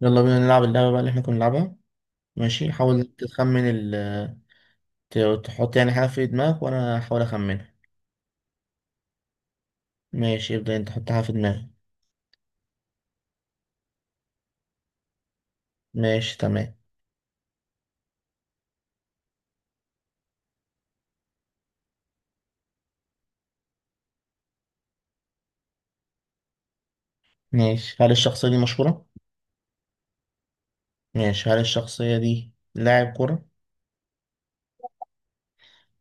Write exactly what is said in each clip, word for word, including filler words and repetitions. يلا بينا نلعب اللعبة بقى اللي احنا كنا بنلعبها. ماشي، حاول تخمن ال ت- تحط يعني حاجة في دماغك وأنا هحاول أخمنها. ماشي، ابدأ أنت، حط حاجة في دماغك. ماشي، تمام. ماشي، هل الشخصية دي مشهورة؟ ماشي، هل الشخصية دي لاعب كرة؟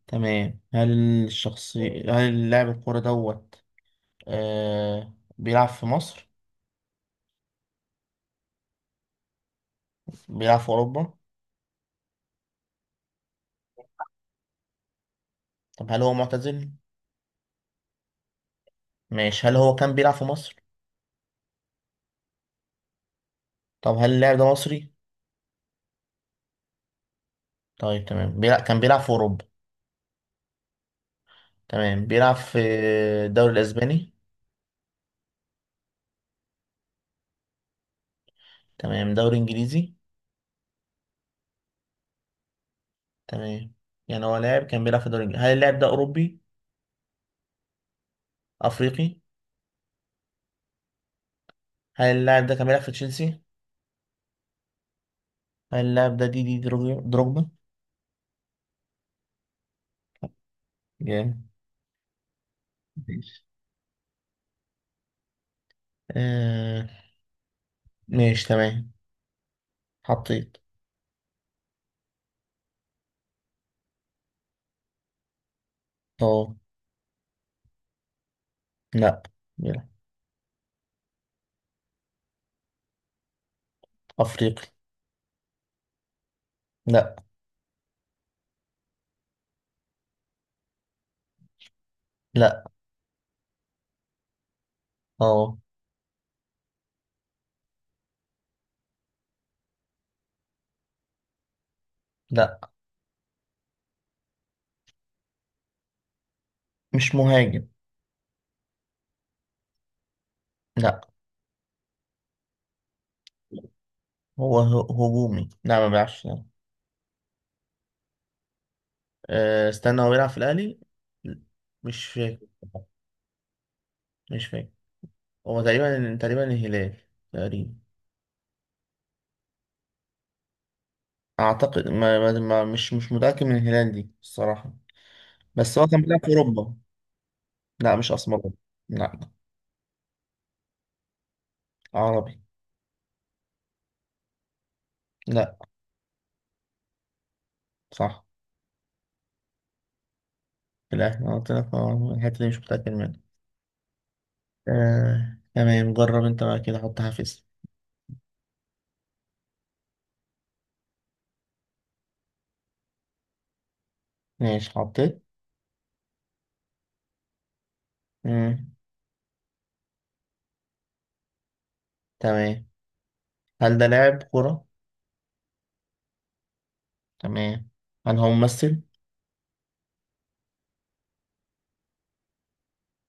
تمام. هل الشخصية هل لاعب الكرة دوت آه... بيلعب في مصر؟ بيلعب في أوروبا؟ طب هل هو معتزل؟ ماشي، هل هو كان بيلعب في مصر؟ طب هل اللاعب ده مصري؟ طيب تمام، بيلعب كان بيلعب في أوروبا. تمام، بيلعب في الدوري الأسباني. تمام، دوري انجليزي. تمام، يعني هو لاعب كان بيلعب في دوري انجليزي، هل اللاعب ده اوروبي؟ افريقي. هل اللاعب ده كان بيلعب في تشيلسي؟ هل اللاعب ده دي دي دروجبا دروجبا؟ جامد. ماشي، آه ماشي، تمام، حطيت. اه، لا. بيلعب. افريقي. لا، لا، اه، لا. مش مهاجم. لا، هو ه- هجومي، لا، ما بيلعبش، لا. آه استنى، هو بيلعب في الاهلي؟ مش فاكر. مش فاكر. هو تقريبا تقريبا الهلال. تقريبا. اعتقد ما ما ما- مش مش متاكد من الهلال دي الصراحه. بس هو كان بيلعب في اوروبا. لا مش اسمر. لا. عربي. لا. صح. في الاهلي، أنا قلت لك، آه، الحته دي مش متاكد منها. آه. تمام، جرب انت بقى كده، حط حافز. ماشي، حطيت. مم. تمام. هل ده لاعب كرة؟ تمام. هل هو ممثل؟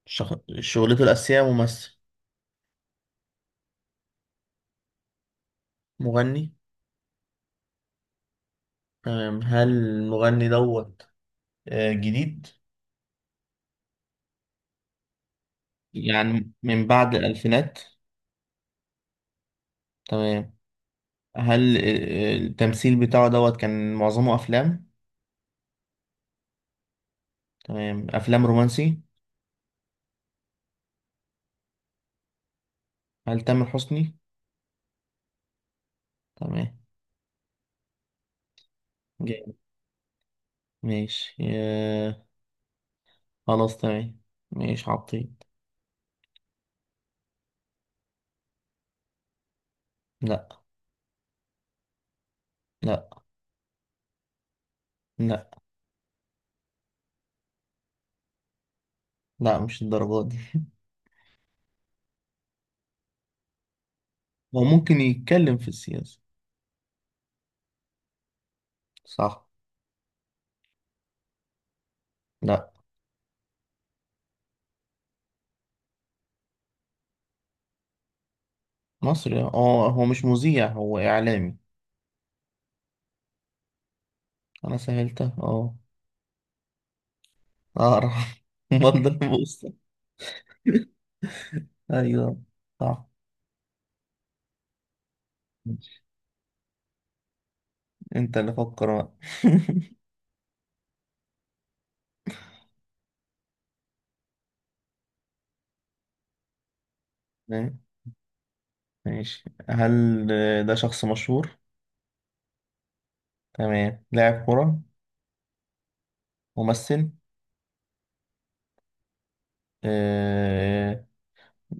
شغ... شغلته الأساسية ممثل. مغني. تمام. هل المغني دوت آه، جديد؟ يعني من بعد الألفينات. تمام. هل التمثيل بتاعه دوت كان معظمه أفلام؟ تمام، أفلام رومانسي. هل تامر حسني؟ تمام. جامد. ماشي، آه، خلاص تمام. ماشي عبطيط. لا. لا. لا. لا، مش الدرجات دي. هو ممكن يتكلم في السياسة. صح. لا. مصري، اه، هو مش مذيع، هو إعلامي. أنا سهلتها، اه. أقرأ. مضى بوسطة. أيوه. صح. أنت اللي فكر بقى. ماشي. هل ده شخص مشهور؟ تمام. لاعب كرة؟ ممثل؟ آه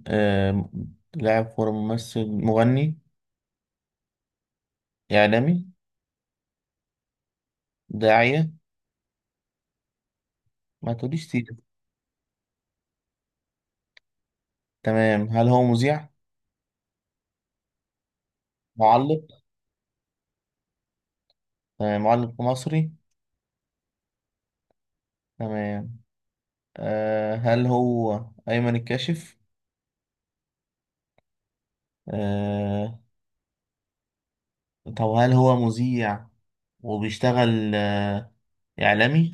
آه لاعب كرة، ممثل، مغني؟ إعلامي؟ داعية؟ ما تقوليش سيرة. تمام. هل هو مذيع؟ معلق؟ تمام، معلق مصري؟ تمام. آه هل هو أيمن الكاشف؟ آه. طب هل هو مذيع وبيشتغل آه إعلامي؟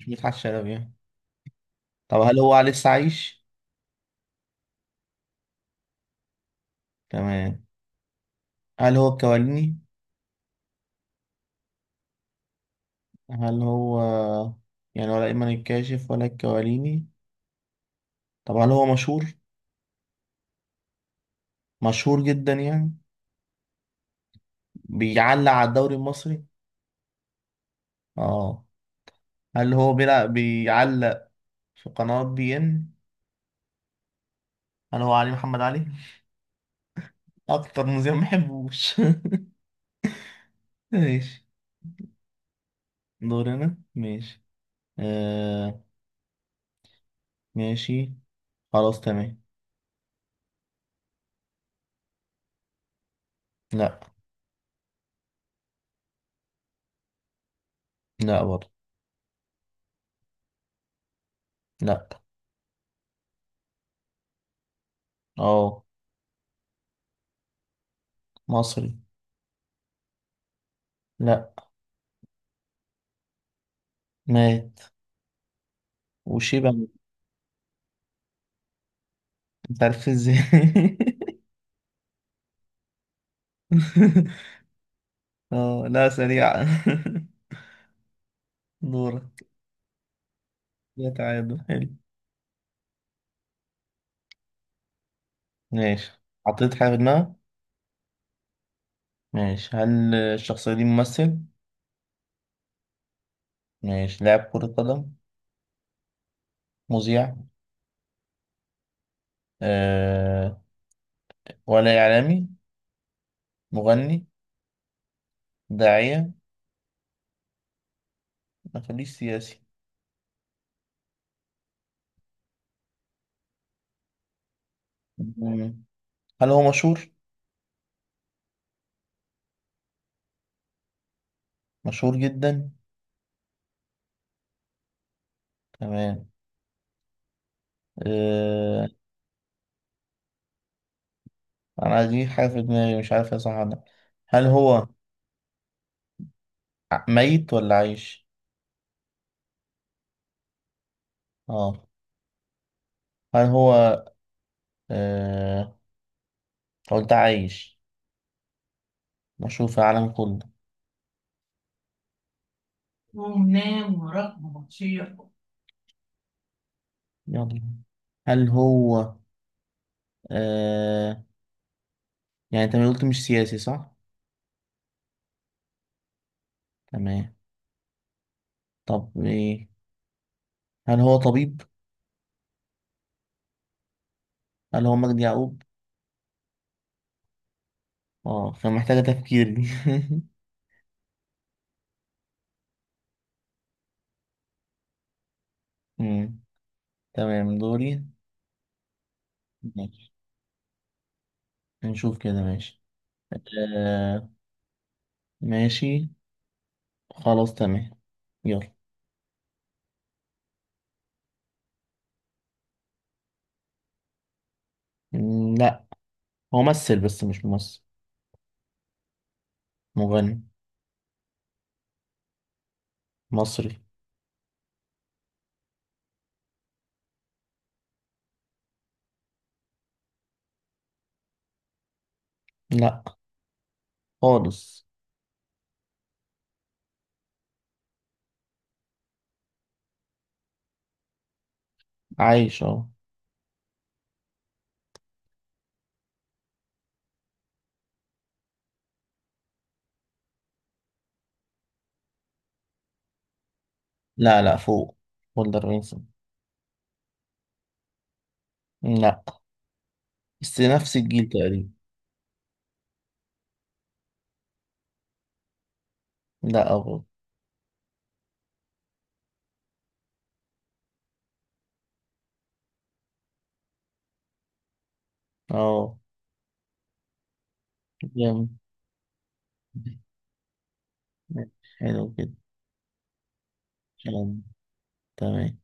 مش مدحت شلبي يعني. طب هل هو لسه عايش؟ تمام. هل هو الكواليني؟ هل هو يعني ولا إيمان الكاشف ولا الكواليني؟ طب هل هو مشهور؟ مشهور جدا يعني. بيعلق على الدوري المصري؟ اه. هل هو بيلعب بيعلق في قناة بي ان؟ هل هو علي محمد علي؟ اكتر مذيع ما بحبوش. ماشي. دورنا ماشي. آه، ماشي، خلاص، تمام. لا. لا برضه. لا. اه. مصري. لا. مات. وشيبة مات. انت عارف ازاي؟ اه، لا، سريعة. دورك. يا تعادل حلو. ماشي. حطيت حاجة في دماغك. ماشي، هل الشخصية دي ممثل؟ ماشي، لاعب كرة قدم؟ مذيع؟ أه ولا إعلامي؟ مغني؟ داعية؟ ما خليش سياسي. مم. هل هو مشهور؟ مشهور جدا؟ تمام. أه. أنا دي حاجة في دماغي، مش عارف يا صح ولا لأ. هل هو ع- ميت ولا عايش؟ اه. هل هو أه قلت عايش؟ مشهور في العالم كله. ونام ورقم ومطيع. يلا. هل هو آه يعني انت ما قلت مش سياسي صح؟ تمام. طب ايه؟ هل هو طبيب؟ هل هو مجدي يعقوب؟ اه، كان محتاجة تفكير دي. مم. تمام، دوري. ماشي. نشوف كده، ماشي. آه ماشي، خلاص تمام. يلا. مم، لا. هو ممثل بس مش ممثل. مغني. مصري. لا خالص. عايش اهو. لا، لا، فوق. بولدر وينسون. لا. بس نفس الجيل تقريبا. لا، أبو. اه. جامد. حلو كده. كلام. تمام.